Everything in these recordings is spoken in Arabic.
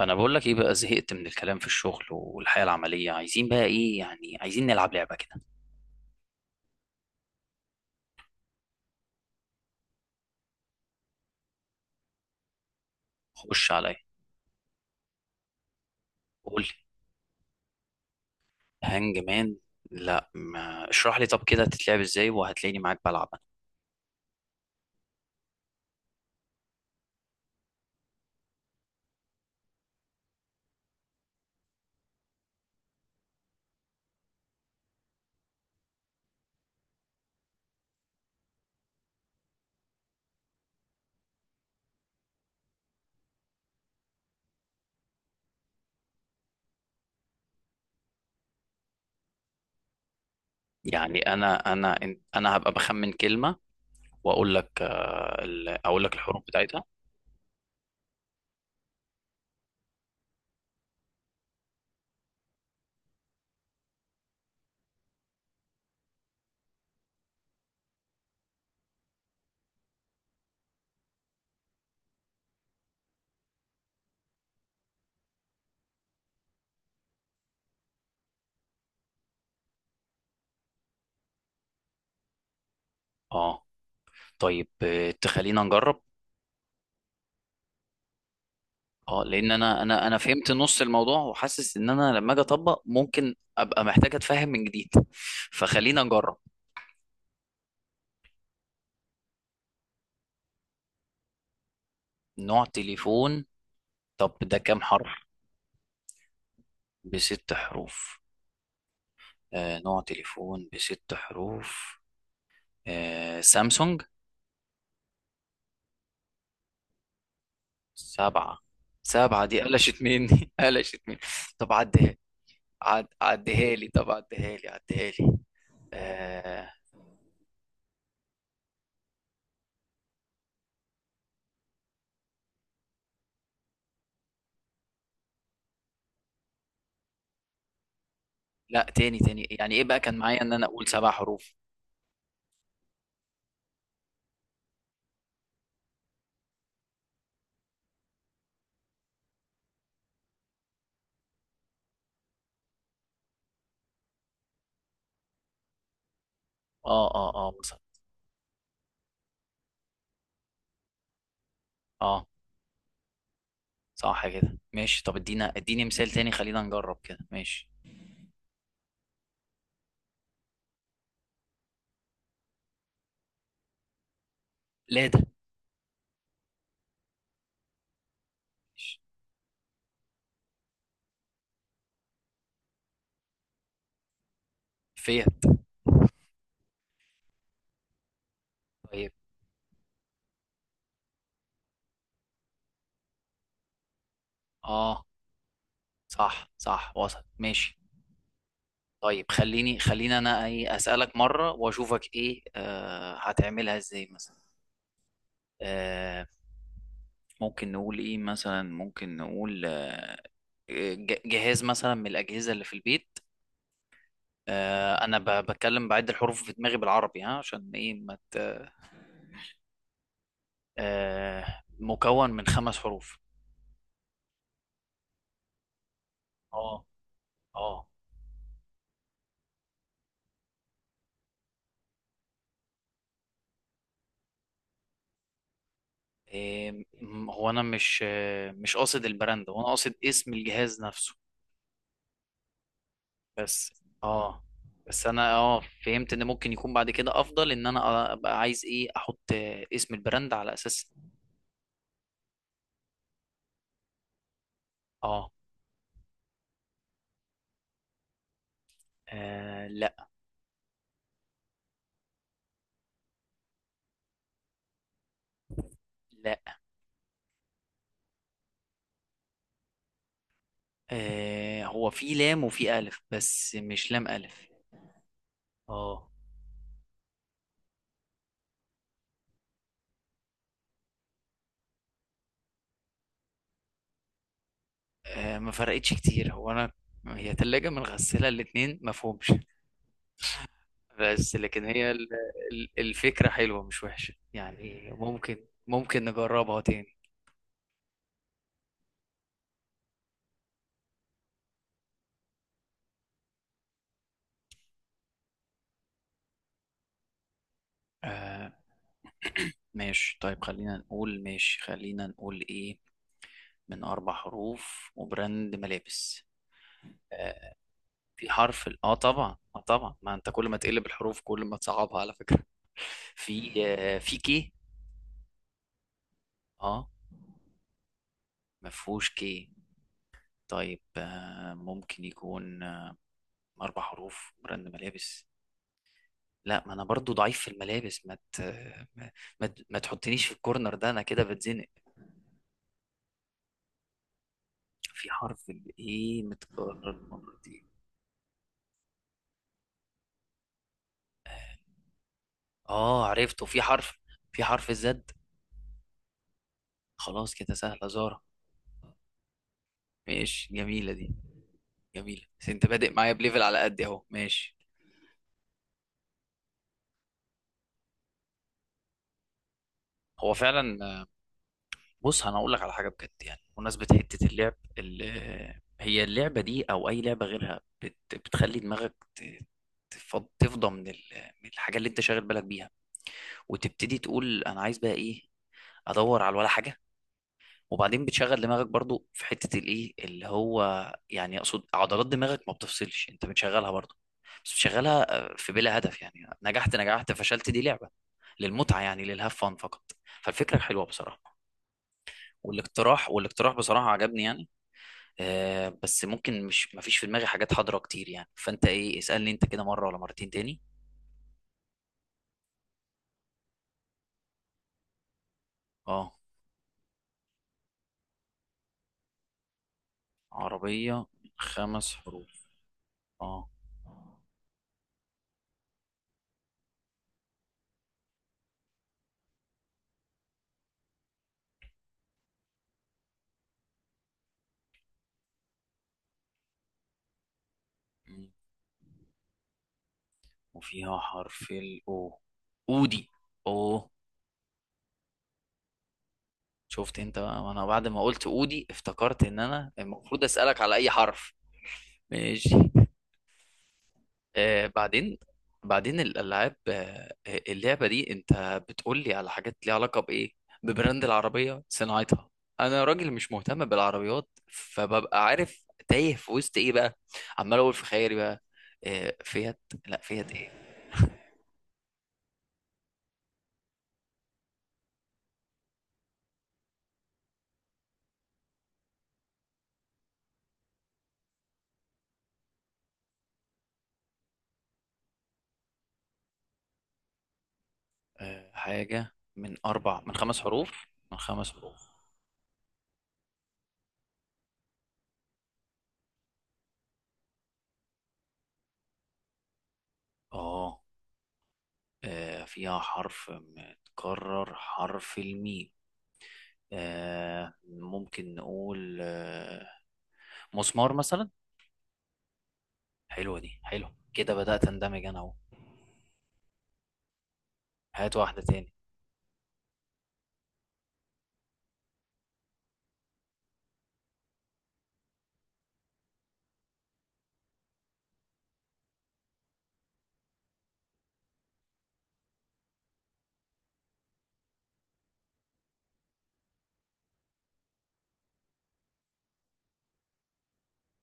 انا بقول لك ايه بقى، زهقت من الكلام في الشغل والحياه العمليه. عايزين بقى ايه؟ يعني عايزين نلعب لعبه كده. خش عليا. قول لي. هانج مان. لا، ما اشرح لي طب كده تتلعب ازاي، وهتلاقيني معاك بلعب. يعني انا هبقى بخمن كلمه، واقول لك اقول لك الحروف بتاعتها. اه، طيب تخلينا نجرب. اه، لان انا فهمت نص الموضوع، وحاسس ان انا لما اجي اطبق ممكن ابقى محتاج اتفهم من جديد. فخلينا نجرب. نوع تليفون. طب ده كام حرف؟ بست حروف. نوع تليفون بست حروف. سامسونج. سبعة. سبعة دي قلشت مني قلشت مني. طب عديها. عديها لي، طب عديها لي، عديها لي. آه، لا، تاني تاني. يعني ايه بقى كان معايا ان انا اقول سبع حروف؟ اه، اه، اه، مثلا. اه، صح كده ماشي. طب اديني مثال تاني، خلينا نجرب كده ماشي. لادا. ماشي. فيت. طيب. اه. صح، صح، وصل ماشي. طيب، خليني انا ايه اسالك مره، واشوفك ايه هتعملها ازاي مثلا. آه. ممكن نقول ايه مثلا؟ ممكن نقول جهاز مثلا من الاجهزه اللي في البيت. انا بتكلم بعد الحروف في دماغي بالعربي، ها، عشان ايه ما مت... مكون من خمس حروف. اه، اه. إيه؟ هو انا مش مش قاصد البراند، هو انا قاصد اسم الجهاز نفسه. بس. اه. بس انا فهمت ان ممكن يكون بعد كده افضل، ان انا ابقى عايز ايه احط اسم البراند على اساس. اه. آه، لا. لا. هو في لام وفي الف، بس مش لام الف. اه. ما فرقتش كتير، هو انا هي تلاجة من غسالة، الاتنين ما فهمش. بس لكن الفكرة حلوة، مش وحشة يعني. ممكن نجربها تاني. آه. ماشي، طيب خلينا نقول، ماشي خلينا نقول ايه. من أربع حروف وبراند ملابس. آه، اه، طبعا، اه طبعا. ما انت كل ما تقلب الحروف، كل ما تصعبها على فكرة في كي. اه. ما فيهوش كي. طيب، ممكن يكون أربع حروف براند ملابس. لا، ما انا برضو ضعيف في الملابس. ما... ما تحطنيش في الكورنر ده، انا كده بتزنق. في حرف الايه متكرر مرتين. اه، عرفته. في حرف في حرف الزد. خلاص كده سهلة، زارة. ماشي، جميلة دي. جميلة، بس انت بادئ معايا بليفل على قد اهو، ماشي. هو فعلا. بص، انا اقول لك على حاجه بجد يعني. بمناسبه حته اللعب ال- آه، هي اللعبه دي او اي لعبه غيرها بتخلي دماغك تفضى من الحاجه اللي انت شاغل بالك بيها، وتبتدي تقول انا عايز بقى ايه، ادور على ولا حاجه. وبعدين بتشغل دماغك برضو في حتة الايه اللي هو، يعني اقصد عضلات دماغك ما بتفصلش، انت بتشغلها برضو. بس بتشغلها في بلا هدف يعني. نجحت، نجحت، فشلت، دي لعبة للمتعة يعني، للهاف فان فقط. فالفكرة حلوة بصراحة. والاقتراح بصراحة عجبني يعني. بس ممكن، مش ما فيش في دماغي حاجات حاضرة كتير يعني. فانت ايه اسألني انت كده مرة ولا مرتين تاني. اه. عربية. خمس حروف. اه. م. وفيها حرف الاو. اودي. او. شفت انت بقى؟ وانا بعد ما قلت اودي افتكرت ان انا المفروض اسالك على اي حرف. ماشي. بعدين، بعدين الالعاب اللعبه دي انت بتقول لي على حاجات ليها علاقه بايه؟ ببراند العربيه؟ صناعتها؟ انا راجل مش مهتم بالعربيات، فببقى عارف تايه في وسط ايه بقى، عمال اقول في خيالي بقى. فيات. لا فيات ايه. حاجه من خمس حروف، من خمس حروف. اه. فيها حرف متكرر، حرف الميم. ممكن نقول مسمار مثلا. حلوة دي، حلو كده، بدأت اندمج انا اهو. هات واحدة تاني.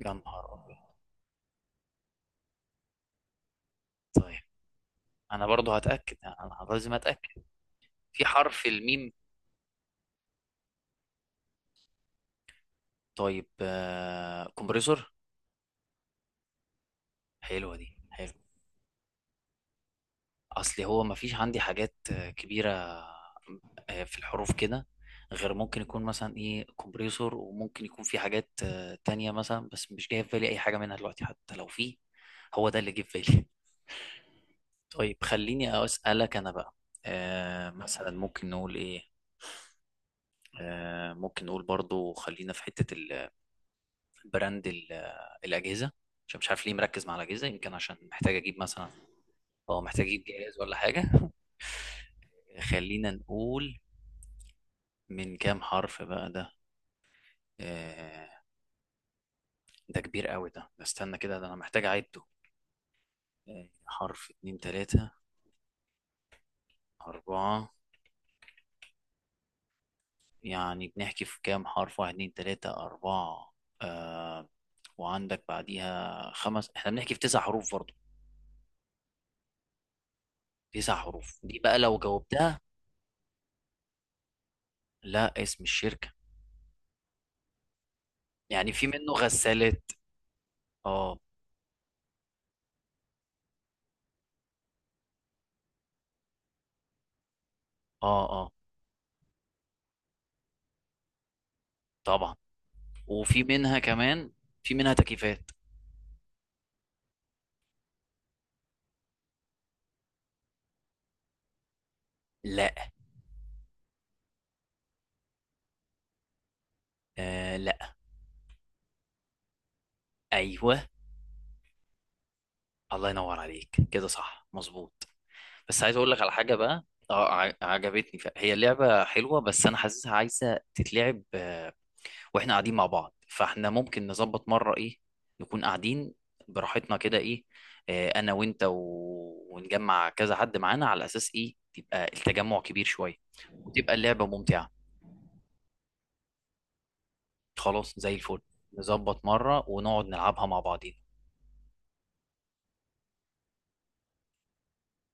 يا نهار أبيض! طيب. أنا برضو هتأكد، أنا لازم أتأكد. في حرف الميم. طيب، كومبريسور. حلوة دي، حلو. اصل هو مفيش عندي حاجات كبيره، في الحروف كده، غير ممكن يكون مثلا ايه، كومبريسور، وممكن يكون في حاجات تانية مثلا، بس مش جاي في بالي اي حاجه منها دلوقتي حتى لو في. هو ده اللي جه في بالي. طيب خليني اسالك انا بقى. مثلا ممكن نقول ايه؟ ممكن نقول برضو، خلينا في حته البراند الاجهزه، عشان مش عارف ليه مركز مع الاجهزه، يمكن عشان محتاج اجيب مثلا، اه، محتاج اجيب جهاز ولا حاجه. خلينا نقول، من كام حرف بقى ده؟ آه، ده كبير قوي. ده استنى كده، ده انا محتاج اعده. حرف، اتنين، تلاتة، اربعة. يعني بنحكي في كام حرف؟ واحد، اتنين، تلاتة، اربعة. آه. وعندك بعديها خمس، احنا بنحكي في تسع حروف برضه. تسع حروف دي بقى لو جاوبتها. لا، اسم الشركة. يعني في منه غسالات. اه، اه، اه، طبعا. وفي منها كمان. في منها تكييفات. لا. لا. ايوه. الله ينور عليك، كده صح مظبوط. بس عايز اقول لك على حاجه بقى. اه، عجبتني. هي لعبه حلوه، بس انا حاسسها عايزه تتلعب واحنا قاعدين مع بعض، فاحنا ممكن نظبط مره ايه، نكون قاعدين براحتنا كده ايه، انا وانت ونجمع كذا حد معانا، على اساس ايه تبقى التجمع كبير شويه، وتبقى اللعبه ممتعه. خلاص، زي الفل. نظبط مره ونقعد نلعبها مع بعضين.